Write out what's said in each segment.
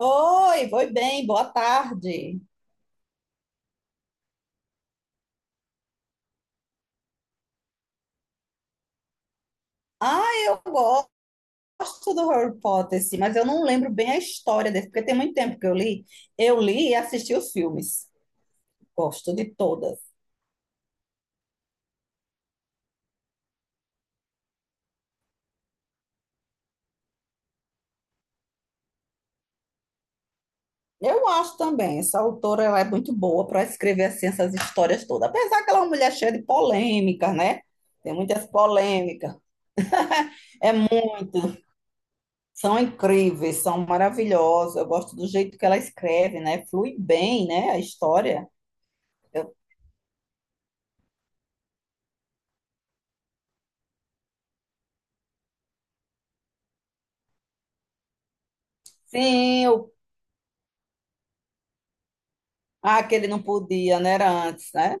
Oi, foi bem, boa tarde. Ah, eu gosto do Harry Potter, sim, mas eu não lembro bem a história desse, porque tem muito tempo que eu li. Eu li e assisti os filmes. Gosto de todas. Eu acho também, essa autora ela é muito boa para escrever assim, essas histórias todas. Apesar que ela é uma mulher cheia de polêmicas, né? Tem muitas polêmicas. É muito. São incríveis, são maravilhosas. Eu gosto do jeito que ela escreve, né? Flui bem, né? A história. Eu- sim, o ah, que ele não podia, né? Era antes, né?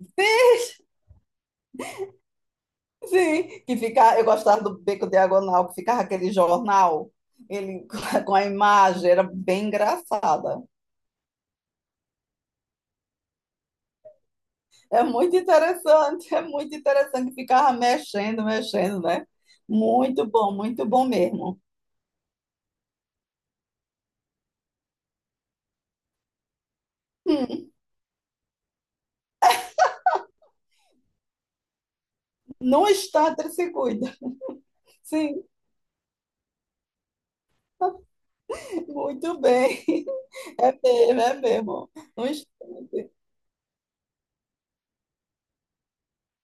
Sim, que fica, eu gostava do Beco Diagonal, que ficava aquele jornal, ele com a imagem, era bem engraçada. É muito interessante, que ficava mexendo, mexendo, né? Muito bom mesmo. Hum, não está, ele se cuida. Sim, muito bem. É mesmo, é mesmo. Não está.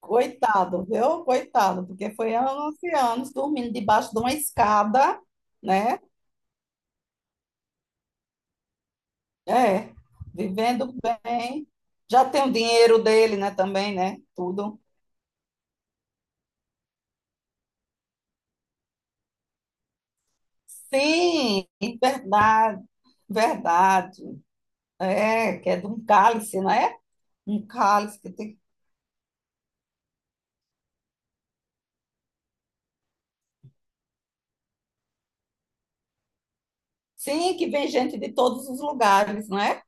Coitado, viu? Coitado, porque foi anos e anos dormindo debaixo de uma escada, né? É, vivendo bem. Já tem o dinheiro dele, né? Também, né? Tudo. Sim, verdade, verdade. É, que é de um cálice, né? Um cálice que tem. Sim, que vem gente de todos os lugares, né?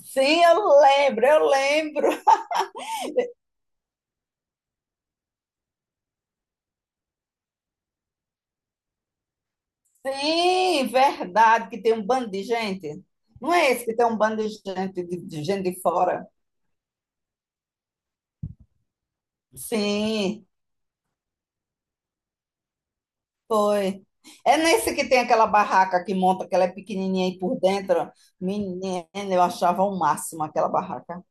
Sim, eu lembro, eu lembro. Sim, verdade, que tem um bando de gente. Não é esse que tem um bando de gente, de gente de fora? Sim, foi. É nesse que tem aquela barraca que monta, que ela é pequenininha aí por dentro. Menina, eu achava o máximo aquela barraca.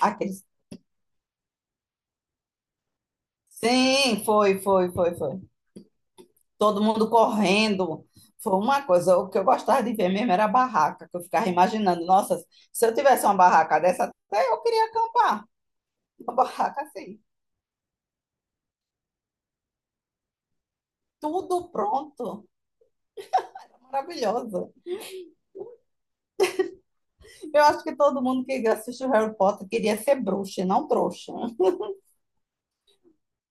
Aqueles... Sim, foi, foi, foi, foi. Todo mundo correndo. Foi uma coisa, o que eu gostava de ver mesmo era a barraca, que eu ficava imaginando, nossa, se eu tivesse uma barraca dessa, até eu queria acampar. Uma barraca assim, tudo pronto. Maravilhosa. Eu acho que todo mundo que assistiu Harry Potter queria ser bruxa, e não trouxa.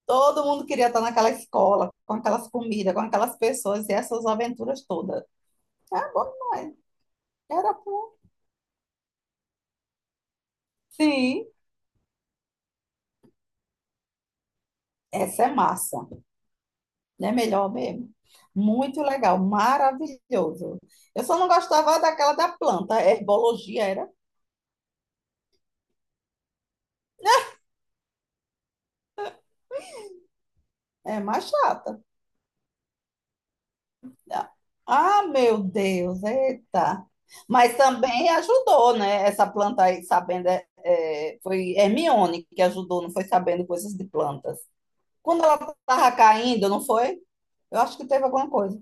Todo mundo queria estar naquela escola, com aquelas comidas, com aquelas pessoas e essas aventuras todas. É bom, não é? Era bom. Sim, essa é massa. Não é melhor mesmo? Muito legal, maravilhoso. Eu só não gostava daquela da planta. A herbologia era é mais chata. Ah, meu Deus, eita. Mas também ajudou, né? Essa planta aí, sabendo, foi Hermione que ajudou, não foi sabendo coisas de plantas. Quando ela estava caindo, não foi? Eu acho que teve alguma coisa.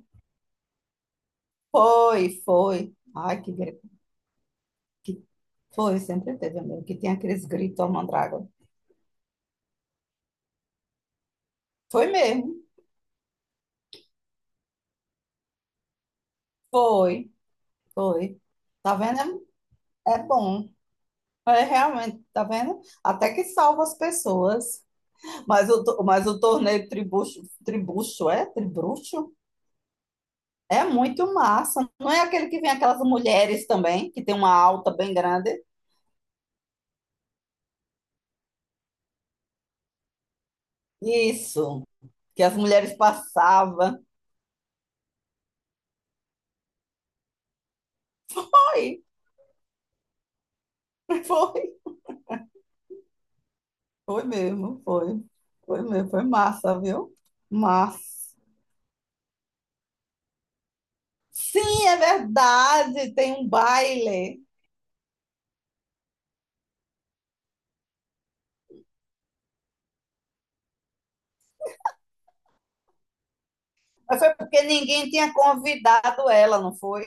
Foi, foi. Ai, que grito. Foi, sempre teve, amigo, que tem aqueles gritos ao mandrágora. Foi mesmo, foi, foi. Tá vendo? É bom. É realmente, tá vendo? Até que salva as pessoas. Mas o, to- mas o torneio tribucho, tribucho, é? Tribruxo? É muito massa. Não é aquele que vem aquelas mulheres também, que tem uma alta bem grande? Isso, que as mulheres passavam. Foi, foi, foi mesmo, foi. Foi mesmo, foi massa, viu? Massa. Sim, é verdade, tem um baile. Mas foi porque ninguém tinha convidado ela, não foi?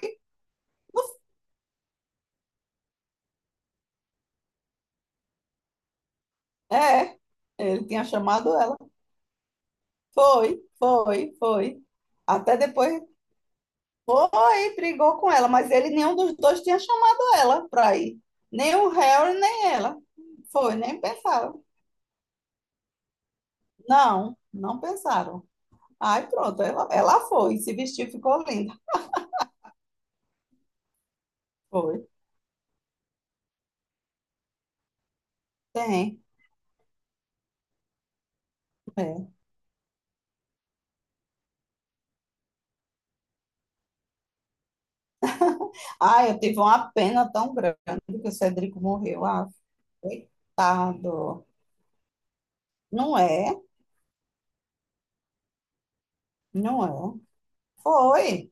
É, ele tinha chamado ela. Foi, foi, foi. Até depois foi, brigou com ela, mas ele nenhum dos dois tinha chamado ela para ir. Nem o Harry, nem ela. Foi, nem pensaram. Não, não pensaram. Aí pronto, ela foi, se vestiu, ficou linda. Foi, tem. É. Ai, eu tive uma pena tão grande que o Cedrico morreu. Ah, coitado. Não é, não é. Foi,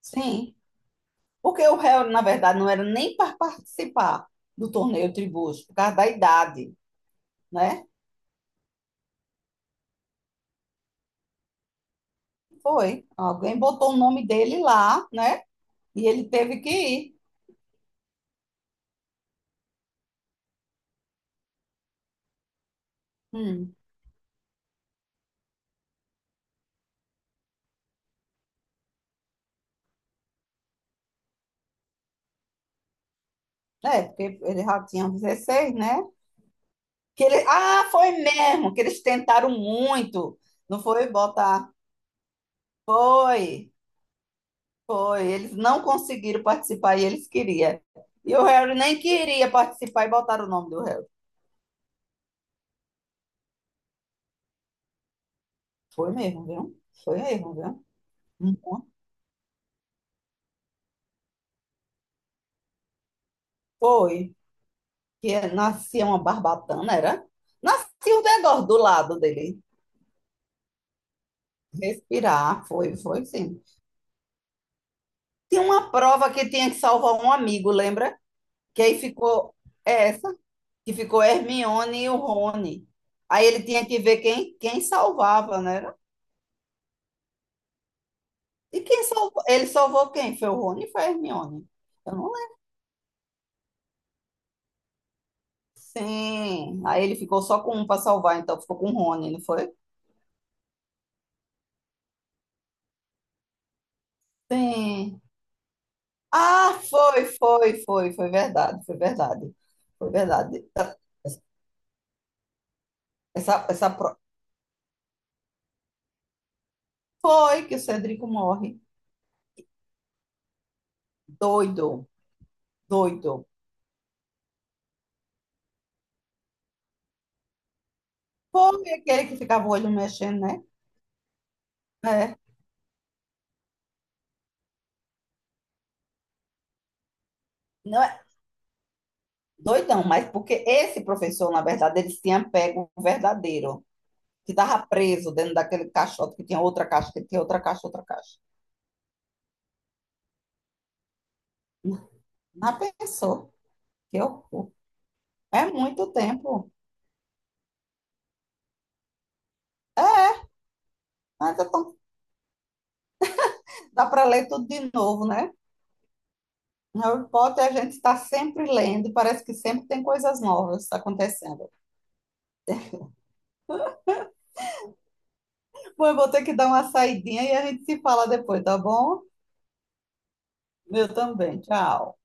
sim. Porque o Harry, na verdade, não era nem para participar do torneio tribus por causa da idade, né? Foi. Alguém botou o nome dele lá, né? E ele teve que ir. Hum. É, porque ele já tinha 16, né? Que ele... Ah, foi mesmo, que eles tentaram muito. Não foi botar. Foi, foi. Eles não conseguiram participar e eles queriam. E o Harry nem queria participar e botaram o nome do Harry. Foi mesmo, viu? Foi mesmo, viu? Hum. Foi. Que nascia uma barbatana, era? Nascia o negócio do lado dele. Respirar, foi, foi sim. Tinha uma prova que tinha que salvar um amigo, lembra? Que aí ficou é essa, que ficou Hermione e o Rony. Aí ele tinha que ver quem salvava, né? E quem salvou? Ele salvou quem? Foi o Rony ou foi a Hermione? Eu não lembro. Sim. Aí ele ficou só com um para salvar, então ficou com o Rony, não foi? Sim. Ah, foi, foi, foi, foi verdade, foi verdade. Foi verdade. Essa pro- foi que o Cedrico morre. Doido, doido. Foi aquele que ficava o olho mexendo, né? É. Não é doidão, mas porque esse professor, na verdade, ele tinha pego o verdadeiro, que estava preso dentro daquele caixote, que tinha outra caixa, outra caixa. Mas pensou, que horror. É muito tempo. Mas é tão- dá para ler tudo de novo, né? Harry Potter a gente está sempre lendo, parece que sempre tem coisas novas acontecendo. Bom, eu vou ter que dar uma saidinha e a gente se fala depois, tá bom? Eu também, tchau.